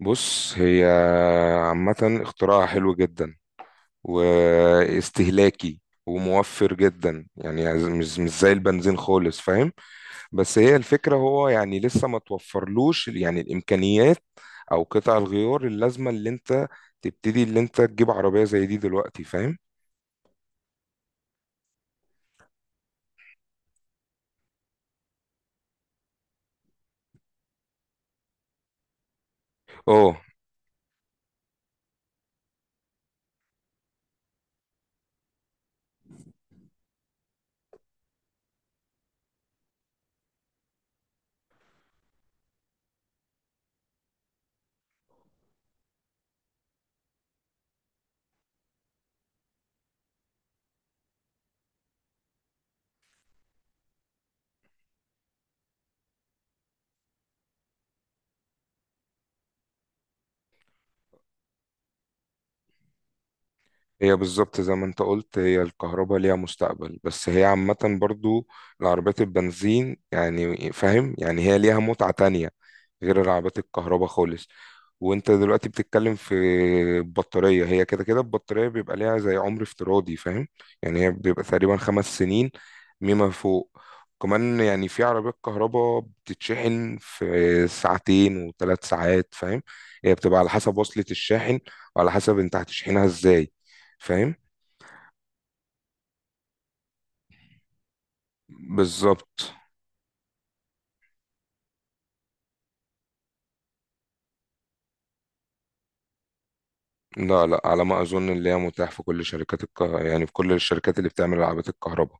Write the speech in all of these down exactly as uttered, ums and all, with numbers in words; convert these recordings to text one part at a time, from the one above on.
بص، هي عامة اختراع حلو جدا، واستهلاكي وموفر جدا. يعني مش مش زي البنزين خالص، فاهم؟ بس هي الفكرة، هو يعني لسه ما توفرلوش يعني الإمكانيات أو قطع الغيار اللازمة، اللي أنت تبتدي اللي أنت تجيب عربية زي دي دلوقتي، فاهم؟ اه، هي بالظبط زي ما انت قلت، هي الكهرباء ليها مستقبل، بس هي عامة برضو العربيات البنزين، يعني فاهم، يعني هي ليها متعة تانية غير العربيات الكهرباء خالص. وانت دلوقتي بتتكلم في البطارية، هي كده كده البطارية بيبقى ليها زي عمر افتراضي، فاهم؟ يعني هي بيبقى تقريبا خمس سنين مما فوق. كمان يعني في عربيات كهرباء بتتشحن في ساعتين وثلاث ساعات، فاهم؟ هي بتبقى على حسب وصلة الشاحن، وعلى حسب انت هتشحنها ازاي، فاهم؟ بالظبط. لا لا، على ما اظن اللي هي متاح في كل شركات الك... يعني في كل الشركات اللي بتعمل العابات الكهرباء.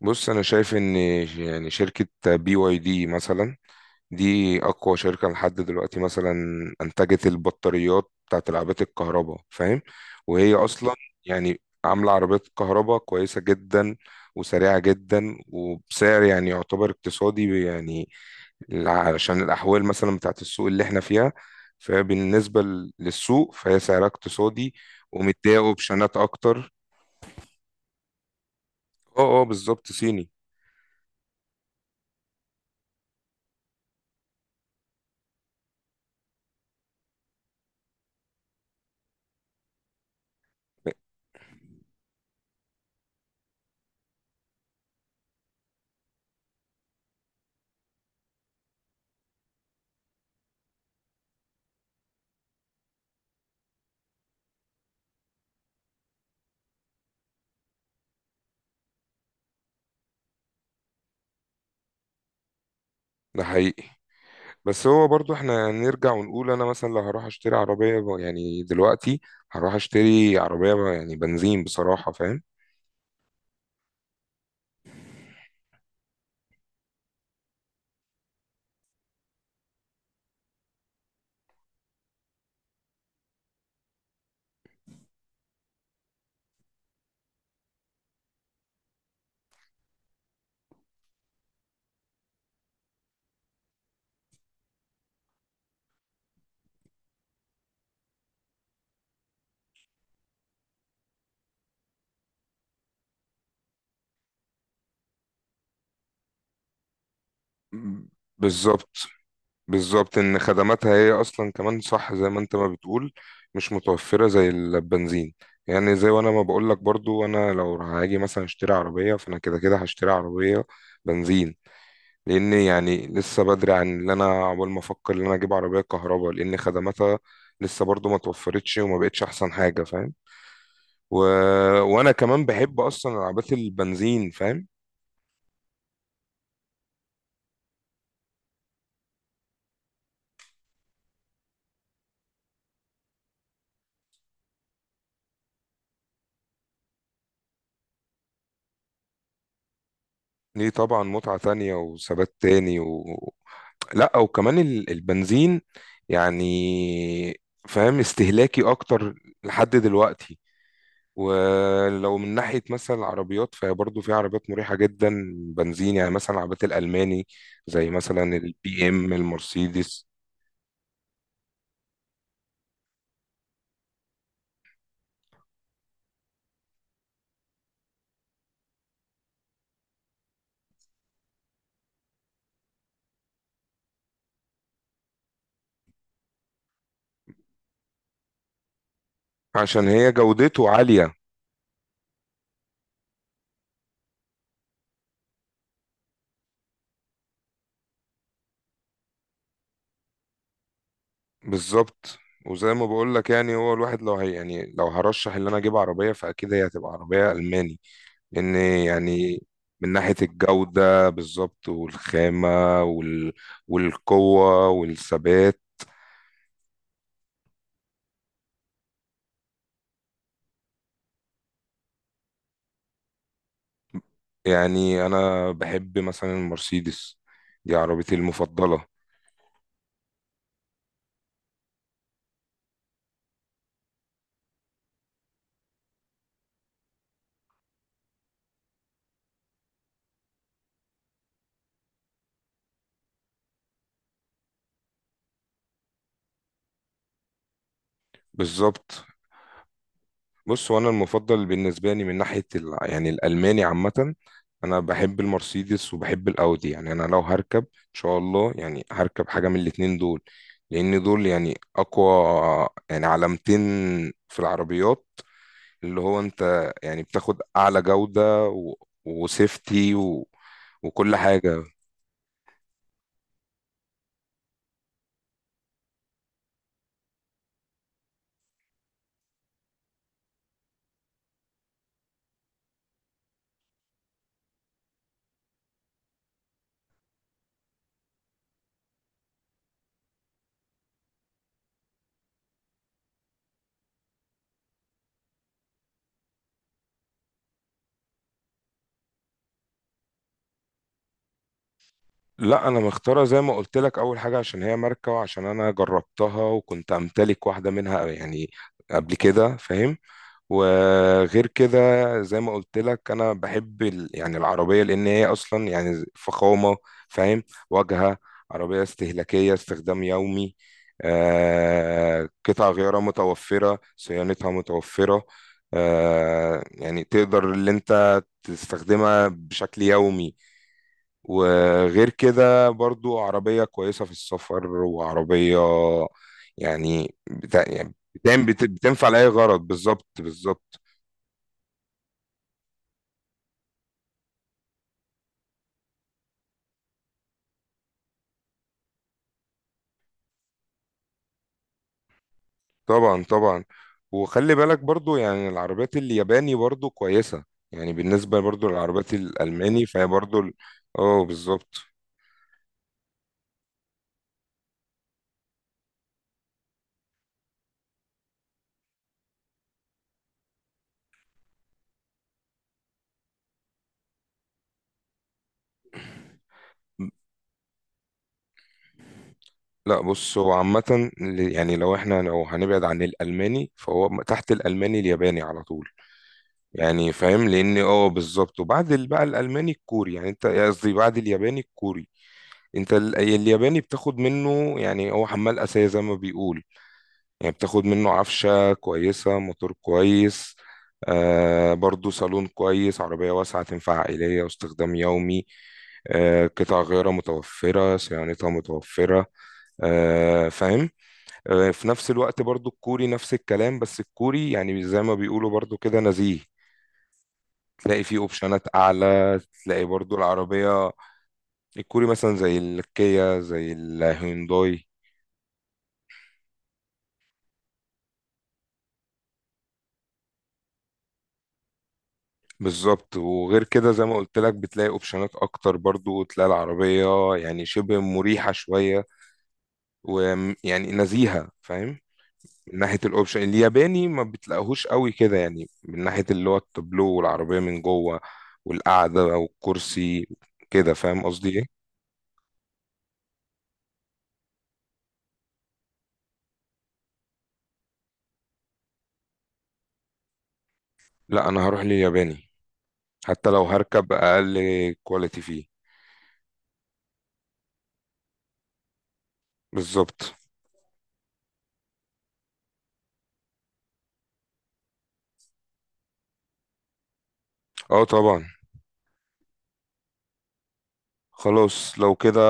بص، انا شايف ان يعني شركة بي واي دي مثلا، دي اقوى شركة لحد دلوقتي. مثلا انتجت البطاريات بتاعت العابات الكهرباء، فاهم؟ وهي اصلا يعني عاملة عربيات كهرباء كويسة جدا وسريعة جدا وبسعر يعني يعتبر اقتصادي. يعني علشان الأحوال مثلا بتاعت السوق اللي احنا فيها، فبالنسبة ل- للسوق فهي سعرها اقتصادي. ومتضايقوا بشنات أكتر. اه اه، بالظبط، صيني. ده حقيقي. بس هو برضو احنا نرجع ونقول، انا مثلا لو هروح اشتري عربية ب- يعني دلوقتي، هروح اشتري عربية ب- يعني بنزين بصراحة، فاهم؟ بالظبط، بالظبط، ان خدماتها هي اصلا كمان، صح زي ما انت ما بتقول، مش متوفره زي البنزين. يعني زي وانا ما بقول لك برضو، انا لو هاجي مثلا اشتري عربيه فانا كده كده هشتري عربيه بنزين. لان يعني لسه بدري عن اللي انا عقبال ما افكر ان انا اجيب عربيه كهرباء، لان خدماتها لسه برضو ما توفرتش وما بقتش احسن حاجه، فاهم؟ و... وانا كمان بحب اصلا العربيات البنزين، فاهم؟ ليه؟ طبعا متعة تانية وثبات تاني. و... لا وكمان ال- البنزين يعني فاهم استهلاكي اكتر لحد دلوقتي. ولو من ناحية مثلا العربيات فهي برضه في عربيات مريحة جدا بنزين، يعني مثلا العربيات الألماني زي مثلا البي ام، المرسيدس. عشان هي جودته عالية. بالظبط. وزي ما بقول لك، يعني هو الواحد لو هي يعني لو هرشح ان انا اجيب عربية فاكيد هي هتبقى عربية ألماني. لان يعني من ناحية الجودة، بالظبط، والخامة وال... والقوة والثبات. يعني انا بحب مثلا المرسيدس، دي عربيتي المفضلة. بالظبط. بص، وانا المفضل بالنسبة لي من ناحية ال... يعني الالماني عامة. انا بحب المرسيدس وبحب الاودي. يعني انا لو هركب ان شاء الله، يعني هركب حاجة من الاتنين دول، لان دول يعني اقوى يعني علامتين في العربيات. اللي هو انت يعني بتاخد اعلى جودة و... وسيفتي و... وكل حاجة. لا، انا مختارة زي ما قلت لك، اول حاجة عشان هي ماركة، وعشان انا جربتها وكنت امتلك واحدة منها يعني قبل كده، فاهم؟ وغير كده، زي ما قلت لك انا بحب ال- يعني العربيه لان هي اصلا يعني فخامه، فاهم؟ واجهه عربيه استهلاكيه استخدام يومي. آه قطع غيارها متوفره، صيانتها متوفره. آه يعني تقدر اللي انت تستخدمها بشكل يومي. وغير كده برضو عربيه كويسه في السفر، وعربيه يعني بتا... يعني بتن- بت- بتنفع لأي غرض، بالظبط، بالظبط. طبعا طبعا. وخلي بالك برضو يعني العربيات الياباني برضو كويسة. يعني بالنسبة برضو للعربيات الألماني فهي برضو ال- اه بالظبط. لا، بص، هو عامة ال- يعني لو احنا لو هنبعد عن الألماني فهو م- تحت الألماني الياباني على طول. يعني فاهم؟ لأن اه بالظبط. وبعد ال- بقى الألماني الكوري، يعني انت قصدي بعد الياباني الكوري. انت ال- الياباني بتاخد منه يعني هو حمال أساسي زي ما بيقول. يعني بتاخد منه عفشة كويسة، موتور كويس، آه برضو صالون كويس، عربية واسعة تنفع عائلية واستخدام يومي. آه قطع غيارها متوفرة، صيانتها متوفرة، آه فاهم؟ آه في نفس الوقت برضو الكوري نفس الكلام، بس الكوري يعني زي ما بيقولوا برضو كده نزيه. تلاقي فيه اوبشنات اعلى، تلاقي برضو العربية. الكوري مثلا زي الكيا، زي الهيونداي. بالظبط، وغير كده زي ما قلت لك بتلاقي اوبشنات اكتر، برضو تلاقي العربية يعني شبه مريحة شوية، ويعني نزيهة، فاهم؟ من ناحية الاوبشن، الياباني ما بتلاقيهوش قوي كده، يعني من ناحية اللي هو التابلو والعربية من جوه والقعدة والكرسي، كده فاهم قصدي ايه؟ لا، انا هروح للياباني، حتى لو هركب اقل كواليتي فيه. بالظبط. اه طبعا. خلاص لو كده،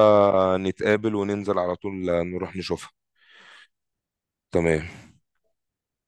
نتقابل وننزل على طول نروح نشوفها. تمام.